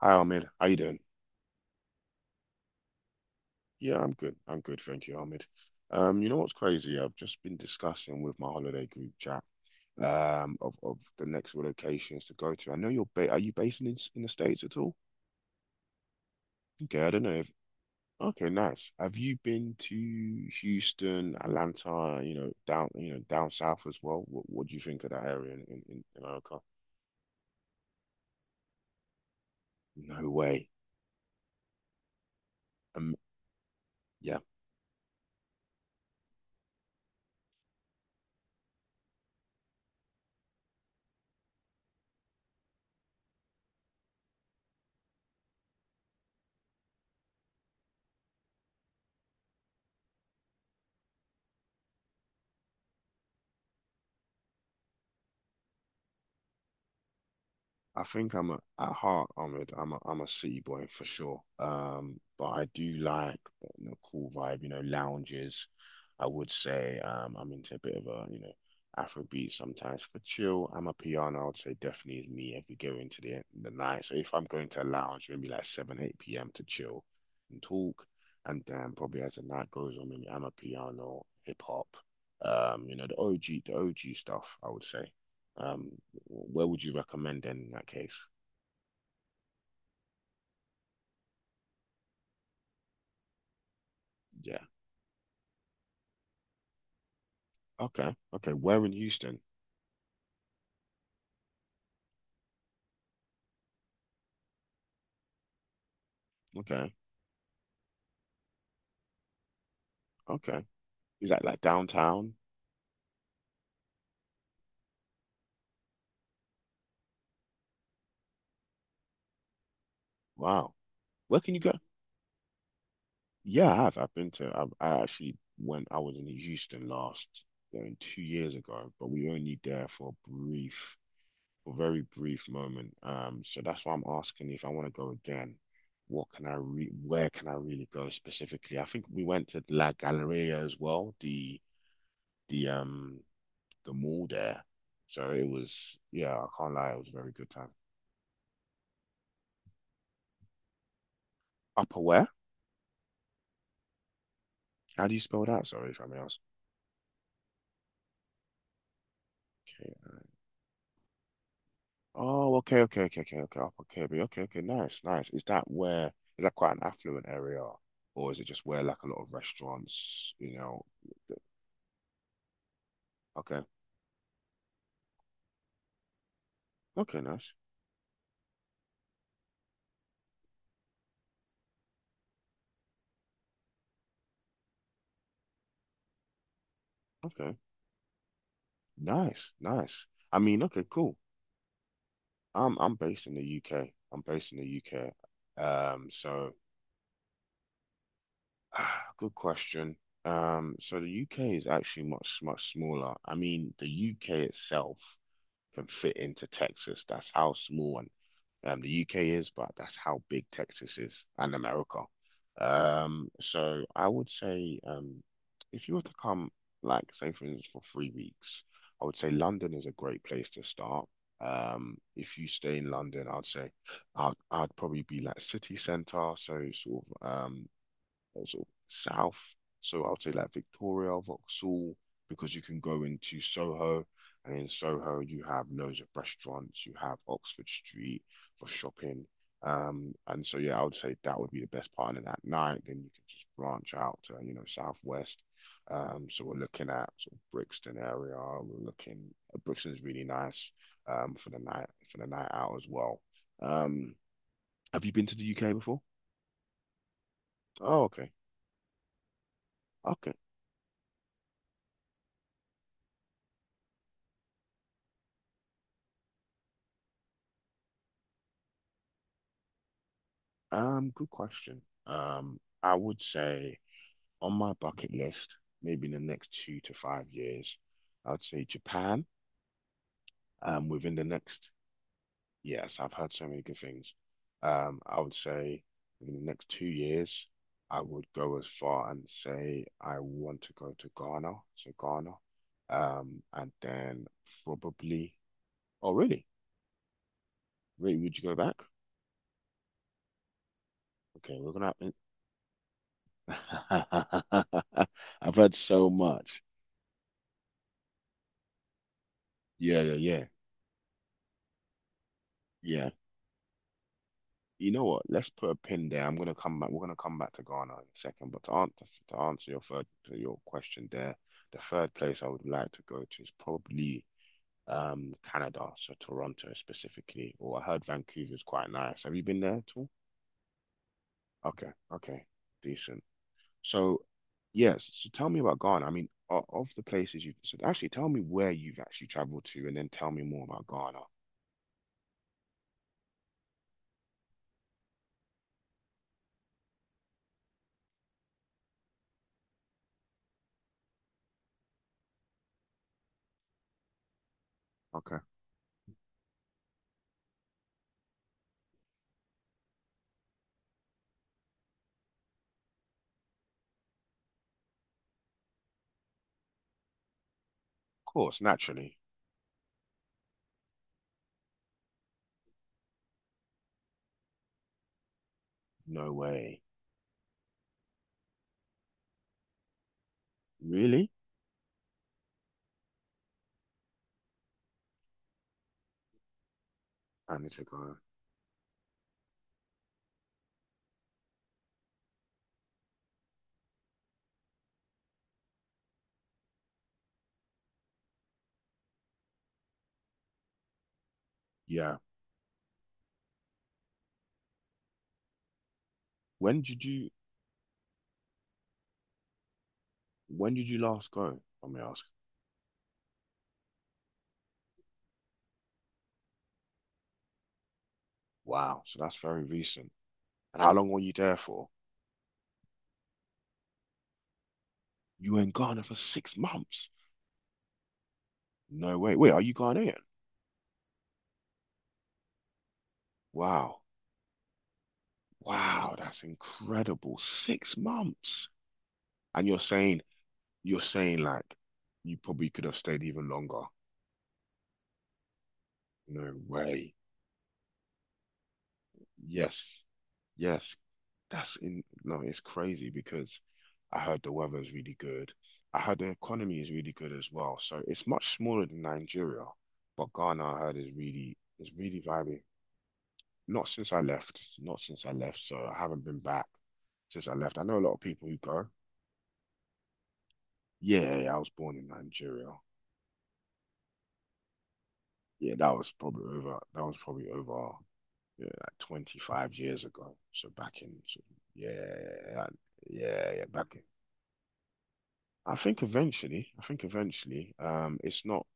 Hi Ahmed, how you doing? Yeah, I'm good. I'm good, thank you, Ahmed. You know what's crazy? I've just been discussing with my holiday group chat of the next locations to go to. I know you're ba are you based in the States at all? Okay, I don't know if. Okay, nice. Have you been to Houston, Atlanta, down south as well? What do you think of that area in America? No way. Um, yeah, I think at heart, I'm a city boy for sure. But I do like cool vibe, lounges. I would say I'm into a bit of a, Afrobeat sometimes for chill. I'm a piano, I would say definitely is me if we go into the night. So if I'm going to a lounge, maybe like 7, 8 p.m. to chill and talk. And then probably as the night goes on, maybe I'm a piano, hip hop, the OG stuff, I would say. Um, where would you recommend then in that case? Yeah. Okay. Okay. Where in Houston? Okay. Okay. Is that like downtown? Wow. Where can you go? Yeah, I have. I've been to. I actually went. I was in Houston last 2 years ago, but we were only there for a very brief moment. So that's why I'm asking if I want to go again. What can I re where can I really go specifically? I think we went to La Galleria as well, the um the mall there. So it was, yeah, I can't lie, it was a very good time. Upperware? How do you spell that? Sorry if I may ask. Okay. Oh, okay, okay, okay, okay, okay. Upper Kirby. Okay, okay, nice, nice. Is that quite an affluent area? Or is it just where like a lot of restaurants, you know? Okay, okay, nice. Okay, nice, nice. I mean, okay, cool. I'm based in the UK. I'm based in the UK. So Ah, good question. So the UK is actually much, much smaller. I mean, the UK itself can fit into Texas. That's how small and the UK is, but that's how big Texas is and America. So I would say if you were to come, like, say, for instance, for 3 weeks, I would say London is a great place to start. If you stay in London, I'd say I'd probably be like city centre, so sort of south. So I'll say like Victoria, Vauxhall, because you can go into Soho, and in Soho you have loads of restaurants. You have Oxford Street for shopping. And so yeah, I would say that would be the best part. And at night, then you can just branch out to, southwest. So we're looking at sort of Brixton area. We're looking Brixton is really nice for the night out as well. Um, have you been to the UK before? Oh, okay. Okay. Good question. I would say on my bucket list, maybe in the next 2 to 5 years, I'd say Japan. Within the next, yes, I've heard so many good things. I would say within the next 2 years, I would go as far and say I want to go to Ghana, so Ghana. And then probably, oh really? Really, would you go back? Okay, we're gonna. I've heard so much. Yeah, yeah, yeah. Yeah. You know what? Let's put a pin there. I'm gonna come back. We're gonna come back to Ghana in a second. But to answer your third to your question there, the third place I would like to go to is probably Canada, so Toronto specifically. Or I heard Vancouver's quite nice. Have you been there at all? Okay, okay, decent. So yes, so tell me about Ghana. I mean, of the places you've so actually tell me where you've actually traveled to, and then tell me more about Ghana. Okay, of course, naturally. No way. Really? I need to go. Yeah. When did you when did you last go? Let me ask. Wow, so that's very recent. And how long were you there for? You were in Ghana for 6 months. No way. Wait, are you Ghanaian? Wow. Wow, that's incredible. 6 months. And you're saying like you probably could have stayed even longer. No way. Yes. Yes. That's in No, it's crazy because I heard the weather is really good. I heard the economy is really good as well. So it's much smaller than Nigeria, but Ghana I heard is really vibing. Not since I left, not since I left. So I haven't been back since I left. I know a lot of people who go, yeah, yeah, yeah, I was born in Nigeria. Yeah, that was probably over. That was probably over, yeah, like 25 years ago. So back in, so yeah, yeah, yeah, yeah, yeah, back in. I think eventually, it's not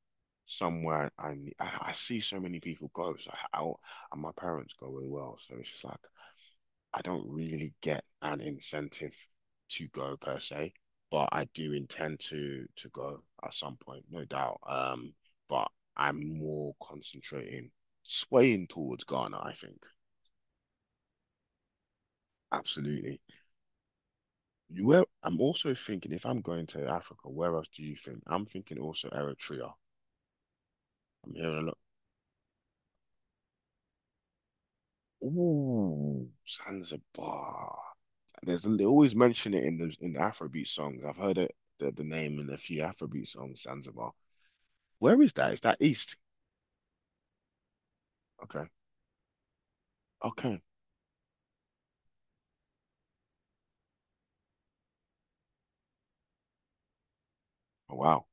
somewhere I see so many people go, so and my parents go as well. So it's just like I don't really get an incentive to go per se, but I do intend to go at some point, no doubt. But I'm more concentrating, swaying towards Ghana, I think. Absolutely. You where I'm also thinking if I'm going to Africa, where else do you think? I'm thinking also Eritrea. I'm hearing a lot. Ooh, Zanzibar. There's they always mention it in the Afrobeat songs. I've heard it the name in a few Afrobeat songs, Zanzibar. Where is that? Is that east? Okay. Okay. Oh, wow.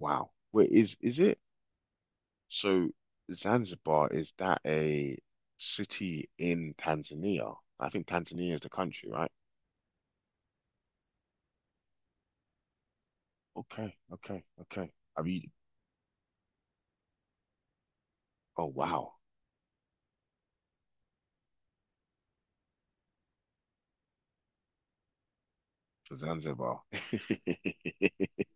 Wow. Wait, is it? So Zanzibar, is that a city in Tanzania? I think Tanzania is the country, right? Okay, okay, okay. I you? Oh wow. For Zanzibar.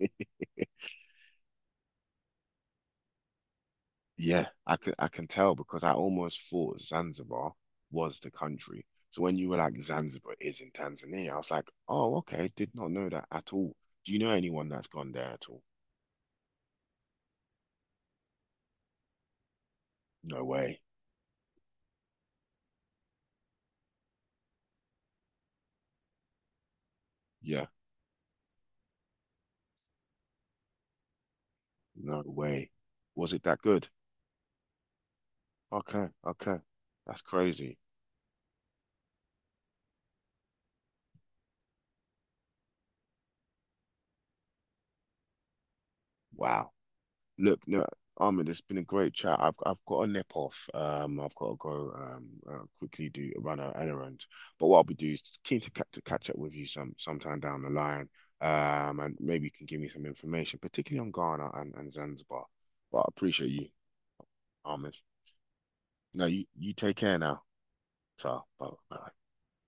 Yeah, I can tell because I almost thought Zanzibar was the country. So when you were like Zanzibar is in Tanzania, I was like, oh, okay, did not know that at all. Do you know anyone that's gone there at all? No way. Yeah, no way. Was it that good? Okay, okay. That's crazy. Wow. Look, no, Ahmed, it's been a great chat. I've got a nip off. I've got to go quickly do run an errand. But what I'll be doing is keen to catch up with you sometime down the line. And maybe you can give me some information, particularly on Ghana and Zanzibar. But I appreciate you, Ahmed. No, you take care now. So, bye. Bye.